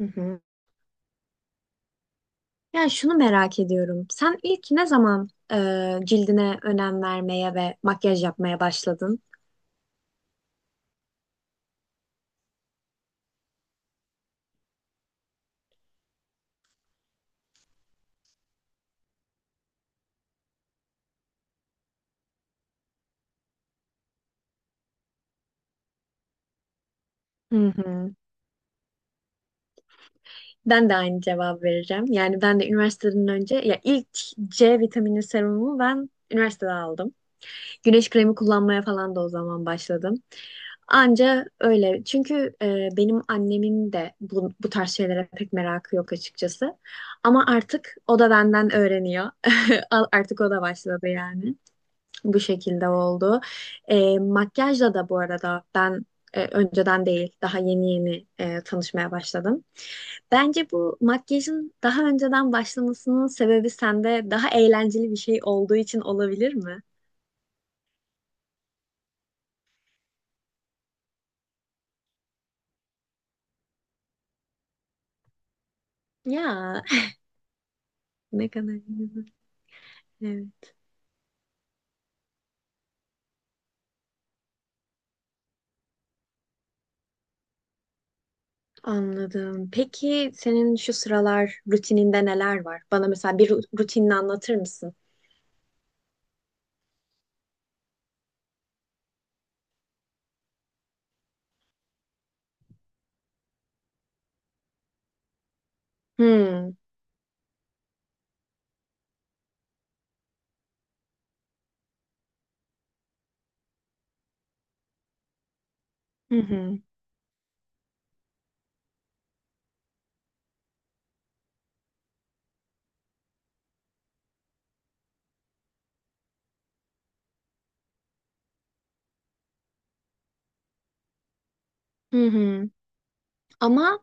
Hı hı. Yani şunu merak ediyorum. Sen ilk ne zaman cildine önem vermeye ve makyaj yapmaya başladın? Hı hı. Ben de aynı cevap vereceğim. Yani ben de üniversiteden önce ya ilk C vitamini serumumu ben üniversitede aldım. Güneş kremi kullanmaya falan da o zaman başladım. Anca öyle. Çünkü benim annemin de bu tarz şeylere pek merakı yok açıkçası. Ama artık o da benden öğreniyor. Artık o da başladı yani. Bu şekilde oldu. Makyajla da bu arada ben önceden değil, daha yeni yeni tanışmaya başladım. Bence bu makyajın daha önceden başlamasının sebebi sende daha eğlenceli bir şey olduğu için olabilir mi? Ya ne kadar güzel. Evet, anladım. Peki senin şu sıralar rutininde neler var? Bana mesela bir rutinini anlatır mısın? Hmm. Hı hı. Hı hı. Ama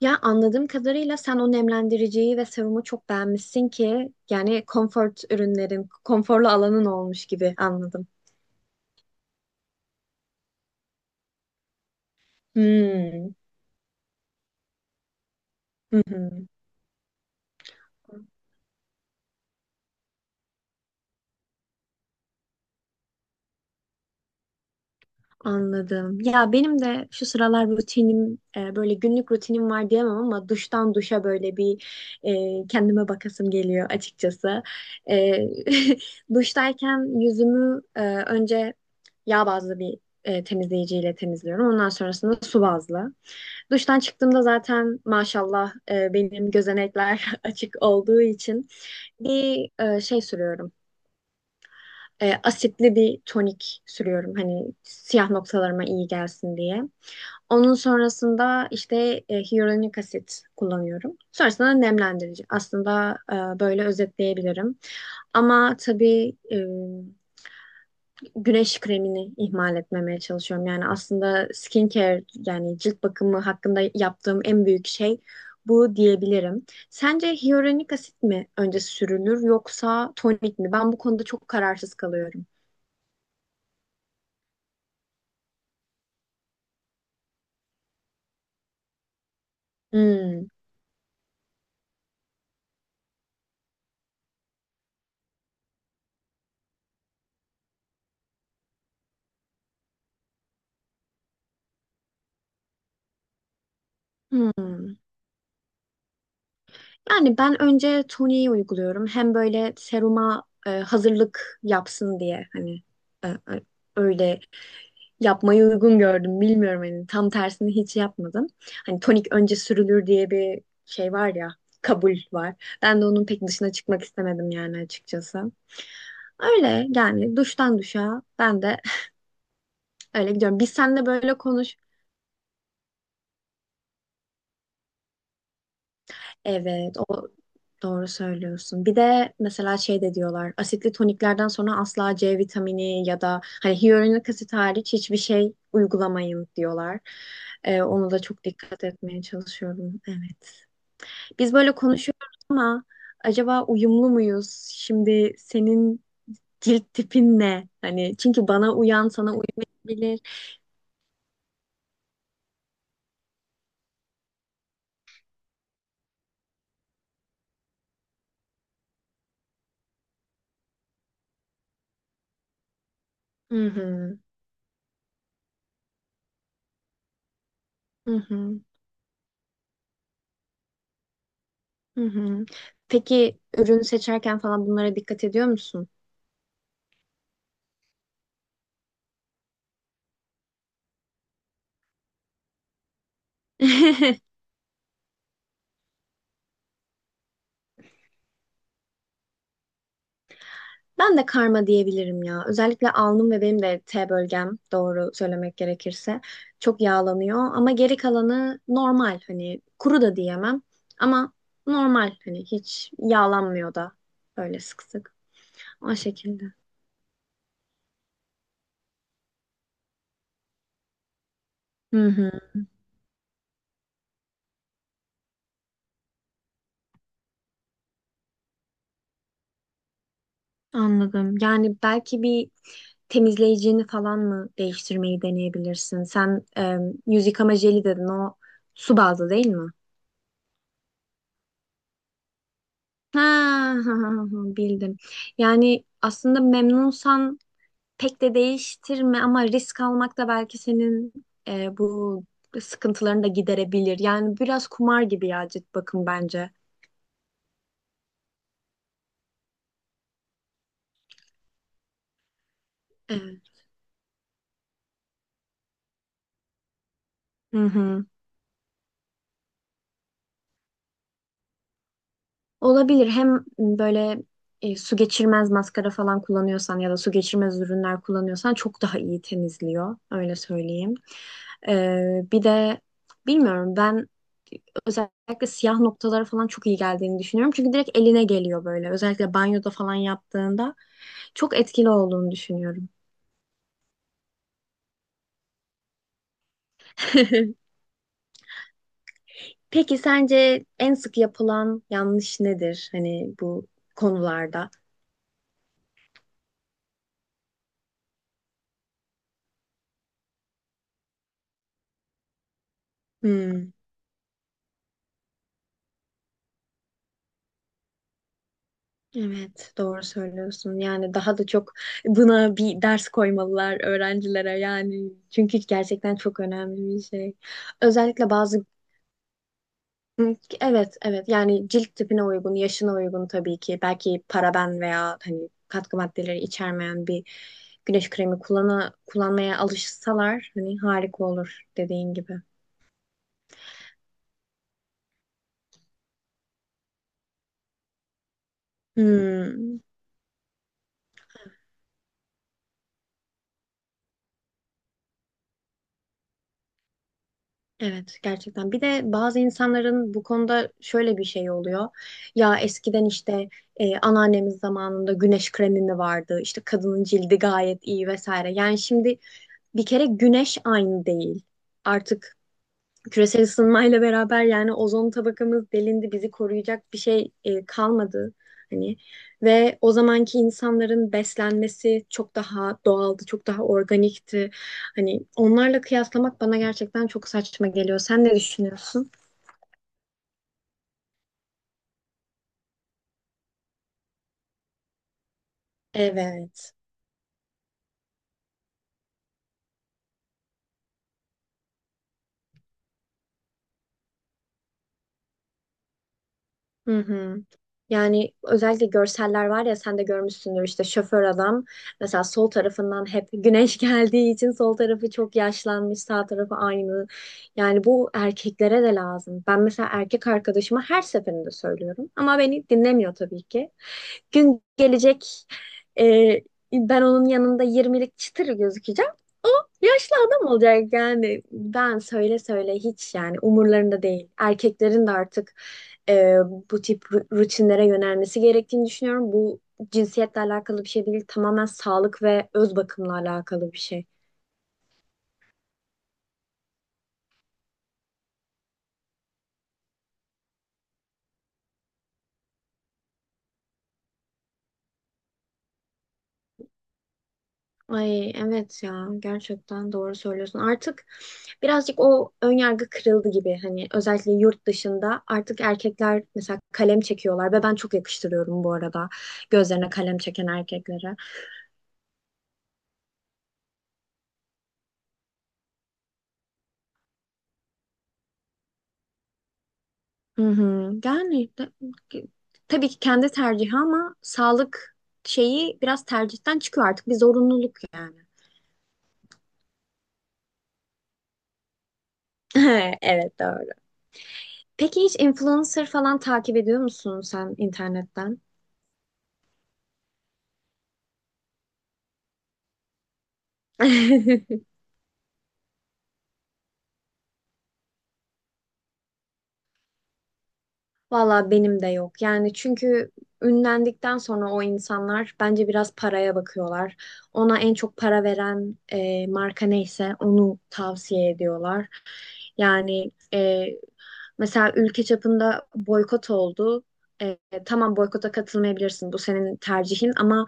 ya anladığım kadarıyla sen o nemlendiriciyi ve serumu çok beğenmişsin ki yani konfort ürünlerin, konforlu alanın olmuş gibi anladım. Hmm. Hı hı. Anladım. Ya benim de şu sıralar rutinim böyle günlük rutinim var diyemem ama duştan duşa böyle bir kendime bakasım geliyor açıkçası. E, duştayken yüzümü önce yağ bazlı bir temizleyiciyle temizliyorum. Ondan sonrasında su bazlı. Duştan çıktığımda zaten maşallah benim gözenekler açık olduğu için bir şey sürüyorum. Asitli bir tonik sürüyorum hani siyah noktalarıma iyi gelsin diye. Onun sonrasında işte hyaluronik asit kullanıyorum. Sonrasında nemlendirici. Aslında böyle özetleyebilirim. Ama tabii güneş kremini ihmal etmemeye çalışıyorum. Yani aslında skincare yani cilt bakımı hakkında yaptığım en büyük şey bu diyebilirim. Sence hyaluronik asit mi önce sürülür yoksa tonik mi? Ben bu konuda çok kararsız kalıyorum. Hmm. Hmm. Yani ben önce toniği uyguluyorum. Hem böyle seruma hazırlık yapsın diye hani e, e, öyle yapmayı uygun gördüm. Bilmiyorum hani tam tersini hiç yapmadım. Hani tonik önce sürülür diye bir şey var ya, kabul var. Ben de onun pek dışına çıkmak istemedim yani açıkçası. Öyle yani duştan duşa ben de öyle gidiyorum. Biz seninle böyle konuş. Evet, o doğru söylüyorsun. Bir de mesela şey de diyorlar. Asitli toniklerden sonra asla C vitamini ya da hani hyaluronik asit hariç hiçbir şey uygulamayın diyorlar. Ona da çok dikkat etmeye çalışıyorum. Evet. Biz böyle konuşuyoruz ama acaba uyumlu muyuz? Şimdi senin cilt tipin ne? Hani çünkü bana uyan sana uymayabilir. Hı hı, hı hı, hı hı. Peki ürün seçerken falan bunlara dikkat ediyor musun? Ben de karma diyebilirim ya. Özellikle alnım ve benim de T bölgem doğru söylemek gerekirse çok yağlanıyor ama geri kalanı normal hani kuru da diyemem ama normal hani hiç yağlanmıyor da öyle sık sık. O şekilde. Hı hı, anladım. Yani belki bir temizleyicini falan mı değiştirmeyi deneyebilirsin? Sen yüz yıkama jeli dedin. O su bazlı değil mi? Ha, ha, ha, ha, bildim. Yani aslında memnunsan pek de değiştirme ama risk almak da belki senin bu sıkıntılarını da giderebilir. Yani biraz kumar gibi ya cilt bakım bence. Evet. Hı hı. Olabilir. Hem böyle su geçirmez maskara falan kullanıyorsan ya da su geçirmez ürünler kullanıyorsan çok daha iyi temizliyor. Öyle söyleyeyim. Bir de bilmiyorum ben özellikle siyah noktalara falan çok iyi geldiğini düşünüyorum. Çünkü direkt eline geliyor böyle. Özellikle banyoda falan yaptığında çok etkili olduğunu düşünüyorum. Peki sence en sık yapılan yanlış nedir? Hani bu konularda. Hmm. Evet, doğru söylüyorsun. Yani daha da çok buna bir ders koymalılar öğrencilere yani. Çünkü gerçekten çok önemli bir şey. Özellikle bazı evet, evet. Yani cilt tipine uygun, yaşına uygun tabii ki. Belki paraben veya hani katkı maddeleri içermeyen bir güneş kremi kullanmaya alışsalar hani harika olur dediğin gibi. Hmm. Evet gerçekten. Bir de bazı insanların bu konuda şöyle bir şey oluyor. Ya eskiden işte anneannemiz zamanında güneş kremi mi vardı? İşte kadının cildi gayet iyi vesaire. Yani şimdi bir kere güneş aynı değil. Artık küresel ısınmayla beraber yani ozon tabakamız delindi, bizi koruyacak bir şey kalmadı hani ve o zamanki insanların beslenmesi çok daha doğaldı, çok daha organikti. Hani onlarla kıyaslamak bana gerçekten çok saçma geliyor. Sen ne düşünüyorsun? Evet. Hı hı. Yani özellikle görseller var ya sen de görmüşsündür işte şoför adam mesela sol tarafından hep güneş geldiği için sol tarafı çok yaşlanmış sağ tarafı aynı. Yani bu erkeklere de lazım. Ben mesela erkek arkadaşıma her seferinde söylüyorum ama beni dinlemiyor tabii ki. Gün gelecek e, ben onun yanında 20'lik çıtır gözükeceğim. O yaşlı adam olacak yani ben söyle söyle hiç yani umurlarında değil. Erkeklerin de artık e, bu tip rutinlere yönelmesi gerektiğini düşünüyorum. Bu cinsiyetle alakalı bir şey değil, tamamen sağlık ve öz bakımla alakalı bir şey. Ay evet ya gerçekten doğru söylüyorsun. Artık birazcık o ön yargı kırıldı gibi. Hani özellikle yurt dışında artık erkekler mesela kalem çekiyorlar ve ben çok yakıştırıyorum bu arada gözlerine kalem çeken erkeklere. Hı hı. Yani tabii ki kendi tercihi ama sağlık şeyi biraz tercihten çıkıyor artık bir zorunluluk yani. Evet doğru. Peki hiç influencer falan takip ediyor musun sen internetten? Valla benim de yok. Yani çünkü ünlendikten sonra o insanlar bence biraz paraya bakıyorlar. Ona en çok para veren marka neyse onu tavsiye ediyorlar. Yani mesela ülke çapında boykot oldu. E, tamam boykota katılmayabilirsin bu senin tercihin ama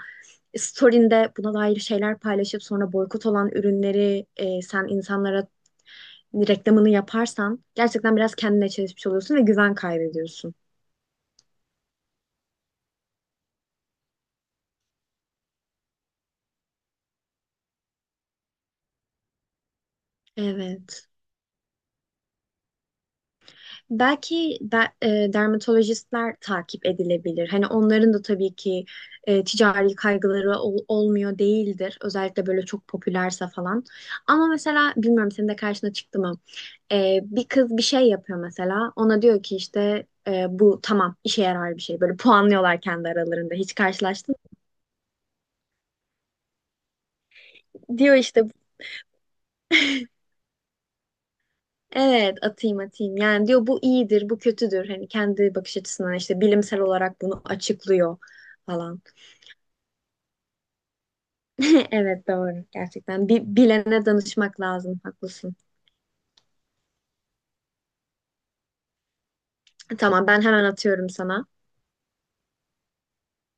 story'inde buna dair şeyler paylaşıp sonra boykot olan ürünleri sen insanlara reklamını yaparsan gerçekten biraz kendine çelişmiş oluyorsun ve güven kaybediyorsun. Evet. Belki dermatolojistler takip edilebilir. Hani onların da tabii ki ticari kaygıları olmuyor değildir. Özellikle böyle çok popülerse falan. Ama mesela bilmiyorum senin de karşına çıktı mı? Bir kız bir şey yapıyor mesela. Ona diyor ki işte bu tamam işe yarar bir şey. Böyle puanlıyorlar kendi aralarında. Hiç karşılaştın mı? Diyor işte evet atayım atayım. Yani diyor bu iyidir, bu kötüdür. Hani kendi bakış açısından işte bilimsel olarak bunu açıklıyor falan. Evet doğru gerçekten. Bir bilene danışmak lazım. Haklısın. Tamam ben hemen atıyorum sana.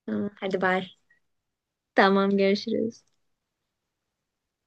Tamam, hadi bay. Tamam görüşürüz.